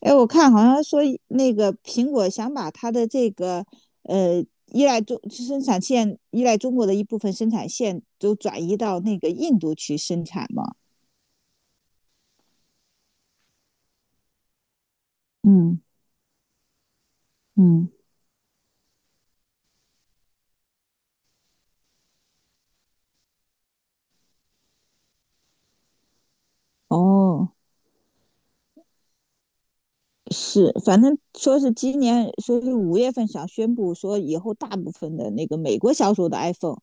哎，我看好像说那个苹果想把它的这个依赖中国的一部分生产线都转移到那个印度去生产嘛。嗯嗯，哦，是，反正说是今年说是5月份想宣布说以后大部分的那个美国销售的 iPhone，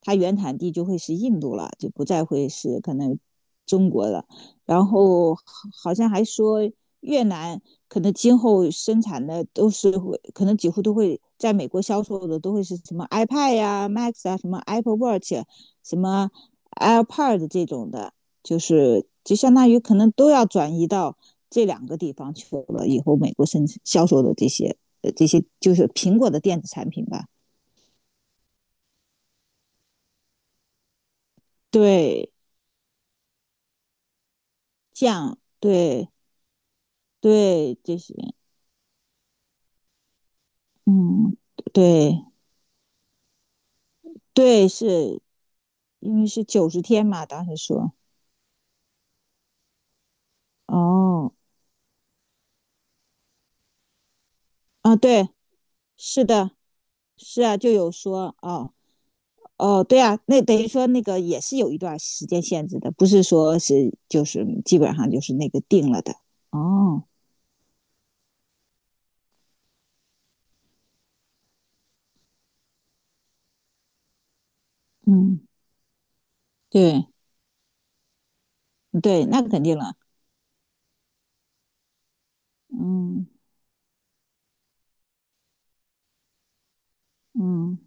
它原产地就会是印度了，就不再会是可能中国了。然后好像还说越南可能今后生产的都是会，可能几乎都会在美国销售的都会是什么 iPad 呀、Max 啊、什么 Apple Watch、什么 AirPod 这种的，就相当于可能都要转移到。这两个地方去了以后，美国生产销售的这些这些就是苹果的电子产品吧，对酱，对对这些，嗯，对对是因为是90天嘛，当时说哦啊对是的是啊就有说哦哦对啊，那等于说那个也是有一段时间限制的，不是说是就是基本上就是那个定了的哦，嗯对对那肯定了，嗯。嗯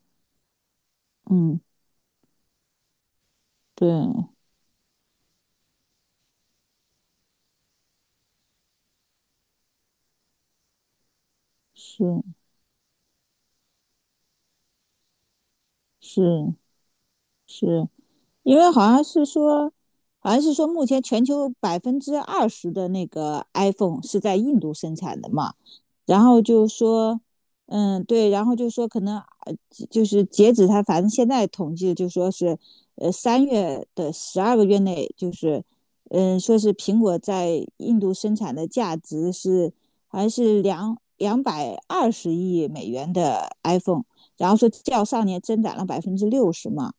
嗯，对，是是是，因为好像是说，好像是说，目前全球20%的那个 iPhone 是在印度生产的嘛。然后就说，嗯，对，然后就说可能呃就是截止他，反正现在统计就说是，3月的12个月内，就是，嗯，说是苹果在印度生产的价值是好像是两百二十亿美元的 iPhone，然后说较上年增长了60%嘛，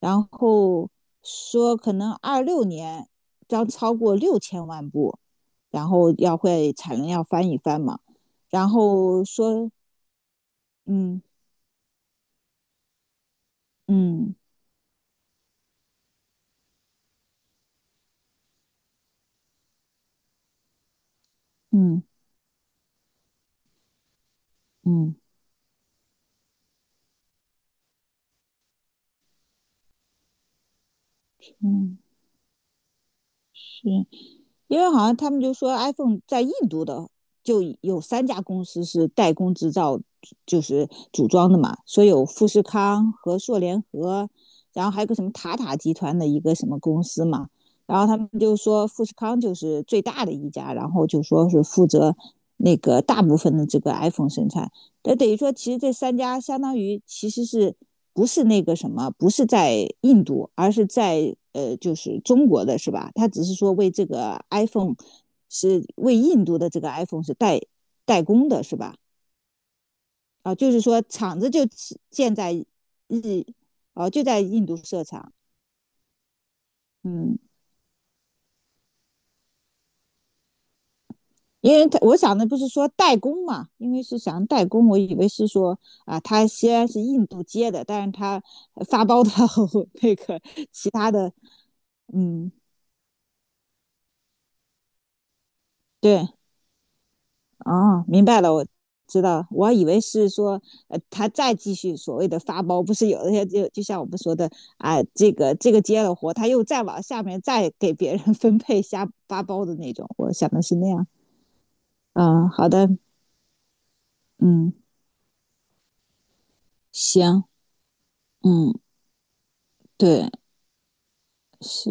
然后说可能26年将超过6000万部。然后要会产能要翻一翻嘛。然后说，嗯嗯嗯嗯嗯，是因为好像他们就说 iPhone 在印度的就有三家公司是代工制造，就是组装的嘛，说有富士康、和硕联合，然后还有个什么塔塔集团的一个什么公司嘛。然后他们就说富士康就是最大的一家，然后就说是负责那个大部分的这个 iPhone 生产。那等于说，其实这三家相当于其实是不是那个什么，不是在印度，而是在就是中国的是吧？他只是说为这个 iPhone 是为印度的这个 iPhone 是代工的是吧？啊，就是说厂子就建在日，啊，就在印度设厂，嗯。因为他我想的不是说代工嘛，因为是想代工，我以为是说啊，他虽然是印度接的，但是他发包到 那个其他的嗯，对，哦，明白了，我知道，我还以为是说，他再继续所谓的发包，不是有一些就像我们说的啊，这个接了活，他又再往下面再给别人 分配下发包的那种，我想的是那样。嗯，好的，嗯，行，嗯，对，是，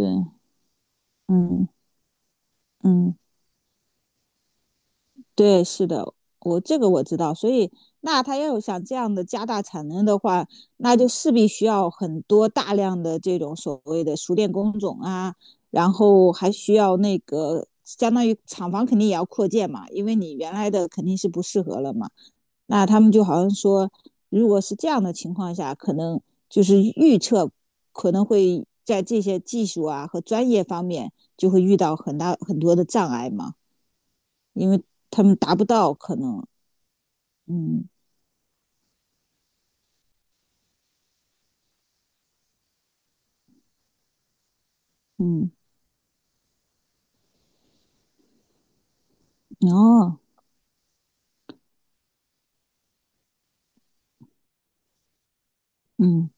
嗯嗯。对，是的，我这个我知道，所以那他要有想这样的加大产能的话，那就势必需要很多大量的这种所谓的熟练工种啊，然后还需要那个相当于厂房肯定也要扩建嘛，因为你原来的肯定是不适合了嘛。那他们就好像说，如果是这样的情况下，可能就是预测可能会在这些技术啊和专业方面就会遇到很大很多的障碍嘛。因为他们达不到可能，嗯嗯，哦，嗯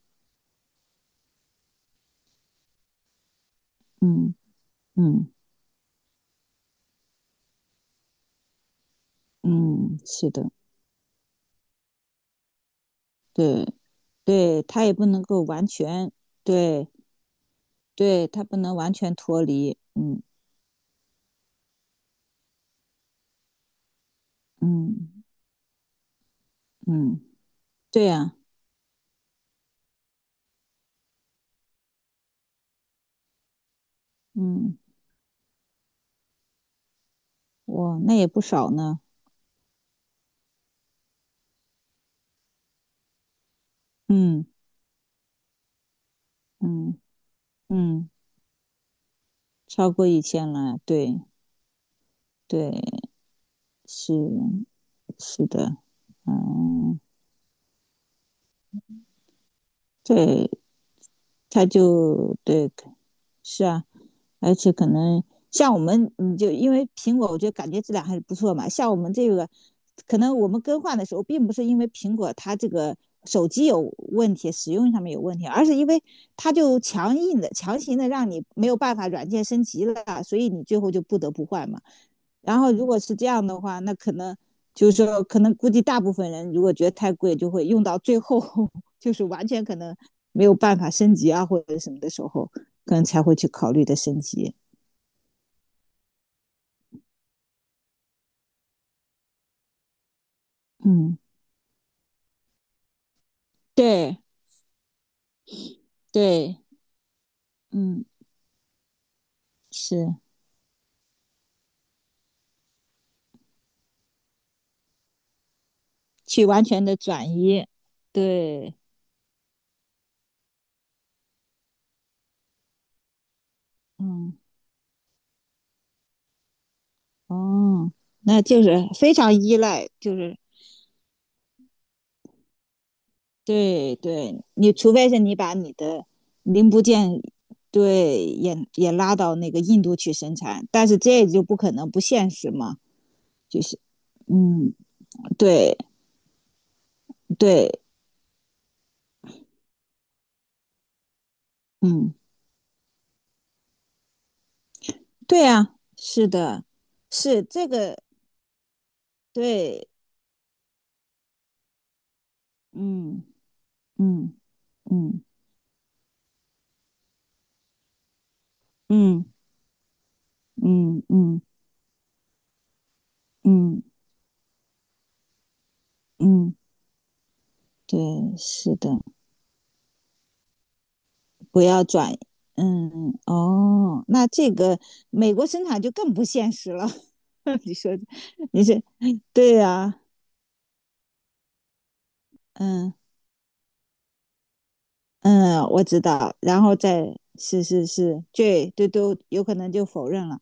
嗯嗯嗯，是的，对对，他也不能够完全，对对，他不能完全脱离，嗯嗯嗯，对呀、嗯，哇，那也不少呢，嗯嗯嗯，超过1000了，对对，是是的，嗯，对，他就对，是啊，而且可能像我们，你就因为苹果，我觉得感觉质量还是不错嘛。像我们这个，可能我们更换的时候，并不是因为苹果它这个手机有问题，使用上面有问题，而是因为它就强硬的、强行的让你没有办法软件升级了，所以你最后就不得不换嘛。然后如果是这样的话，那可能就是说，可能估计大部分人如果觉得太贵，就会用到最后，就是完全可能没有办法升级啊，或者什么的时候，可能才会去考虑的升级。嗯，对对，嗯，是去完全的转移，对，嗯，哦，那就是非常依赖，就是对对，你除非是你把你的零部件，对，也拉到那个印度去生产，但是这就不可能不现实嘛，就是嗯，对对，嗯，对啊，是的，是这个，对，嗯嗯嗯嗯。嗯嗯嗯嗯嗯，对，是的，不要转，嗯，哦，那这个美国生产就更不现实了。你说，你这，对呀、嗯。嗯，我知道，然后再是是是，这都有可能就否认了。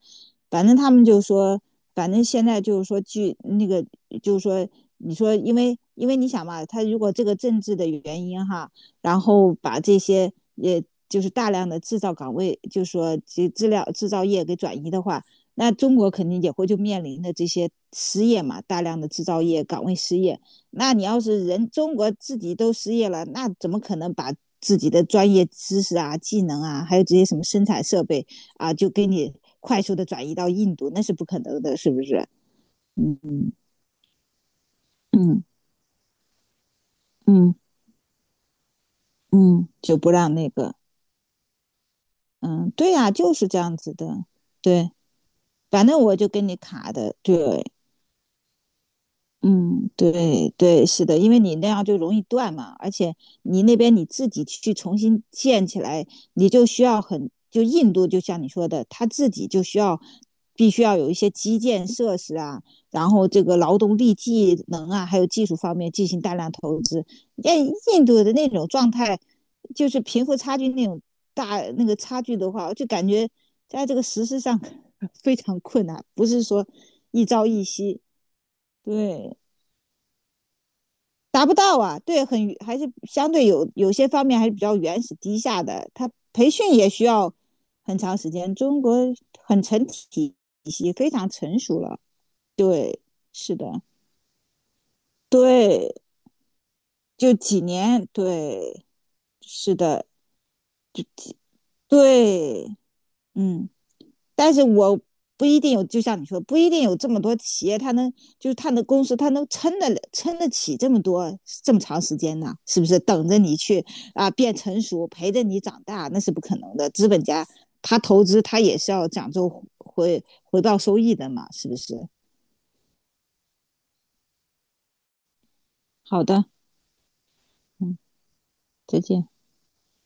反正他们就说，反正现在就是说，据那个就是说，你说因为你想嘛，他如果这个政治的原因哈，然后把这些也就是大量的制造岗位，就是说这资料制造业给转移的话，那中国肯定也会就面临的这些失业嘛，大量的制造业岗位失业。那你要是人中国自己都失业了，那怎么可能把自己的专业知识啊、技能啊，还有这些什么生产设备啊，就给你快速的转移到印度，那是不可能的，是不是？嗯嗯嗯嗯嗯，就不让那个，嗯，对呀、啊就是这样子的，对，反正我就跟你卡的，对，嗯，对对，是的，因为你那样就容易断嘛，而且你那边你自己去重新建起来，你就需要很，就印度就像你说的，他自己就需要，必须要有一些基建设施啊，然后这个劳动力技能啊，还有技术方面进行大量投资。那印度的那种状态，就是贫富差距那种大那个差距的话，我就感觉在这个实施上 非常困难，不是说一朝一夕，对。达不到啊，对，很还是相对有些方面还是比较原始低下的。它培训也需要很长时间，中国很成体系非常成熟了。对，是的，对，就几年，对，是的，对，嗯。但是我不一定有，就像你说，不一定有这么多企业，它能就是它的公司，它能撑得了撑得起这么多这么长时间呢？是不是等着你去变成熟，陪着你长大，那是不可能的。资本家他投资，他也是要讲究回报收益的嘛，是不是？好的，嗯，再见。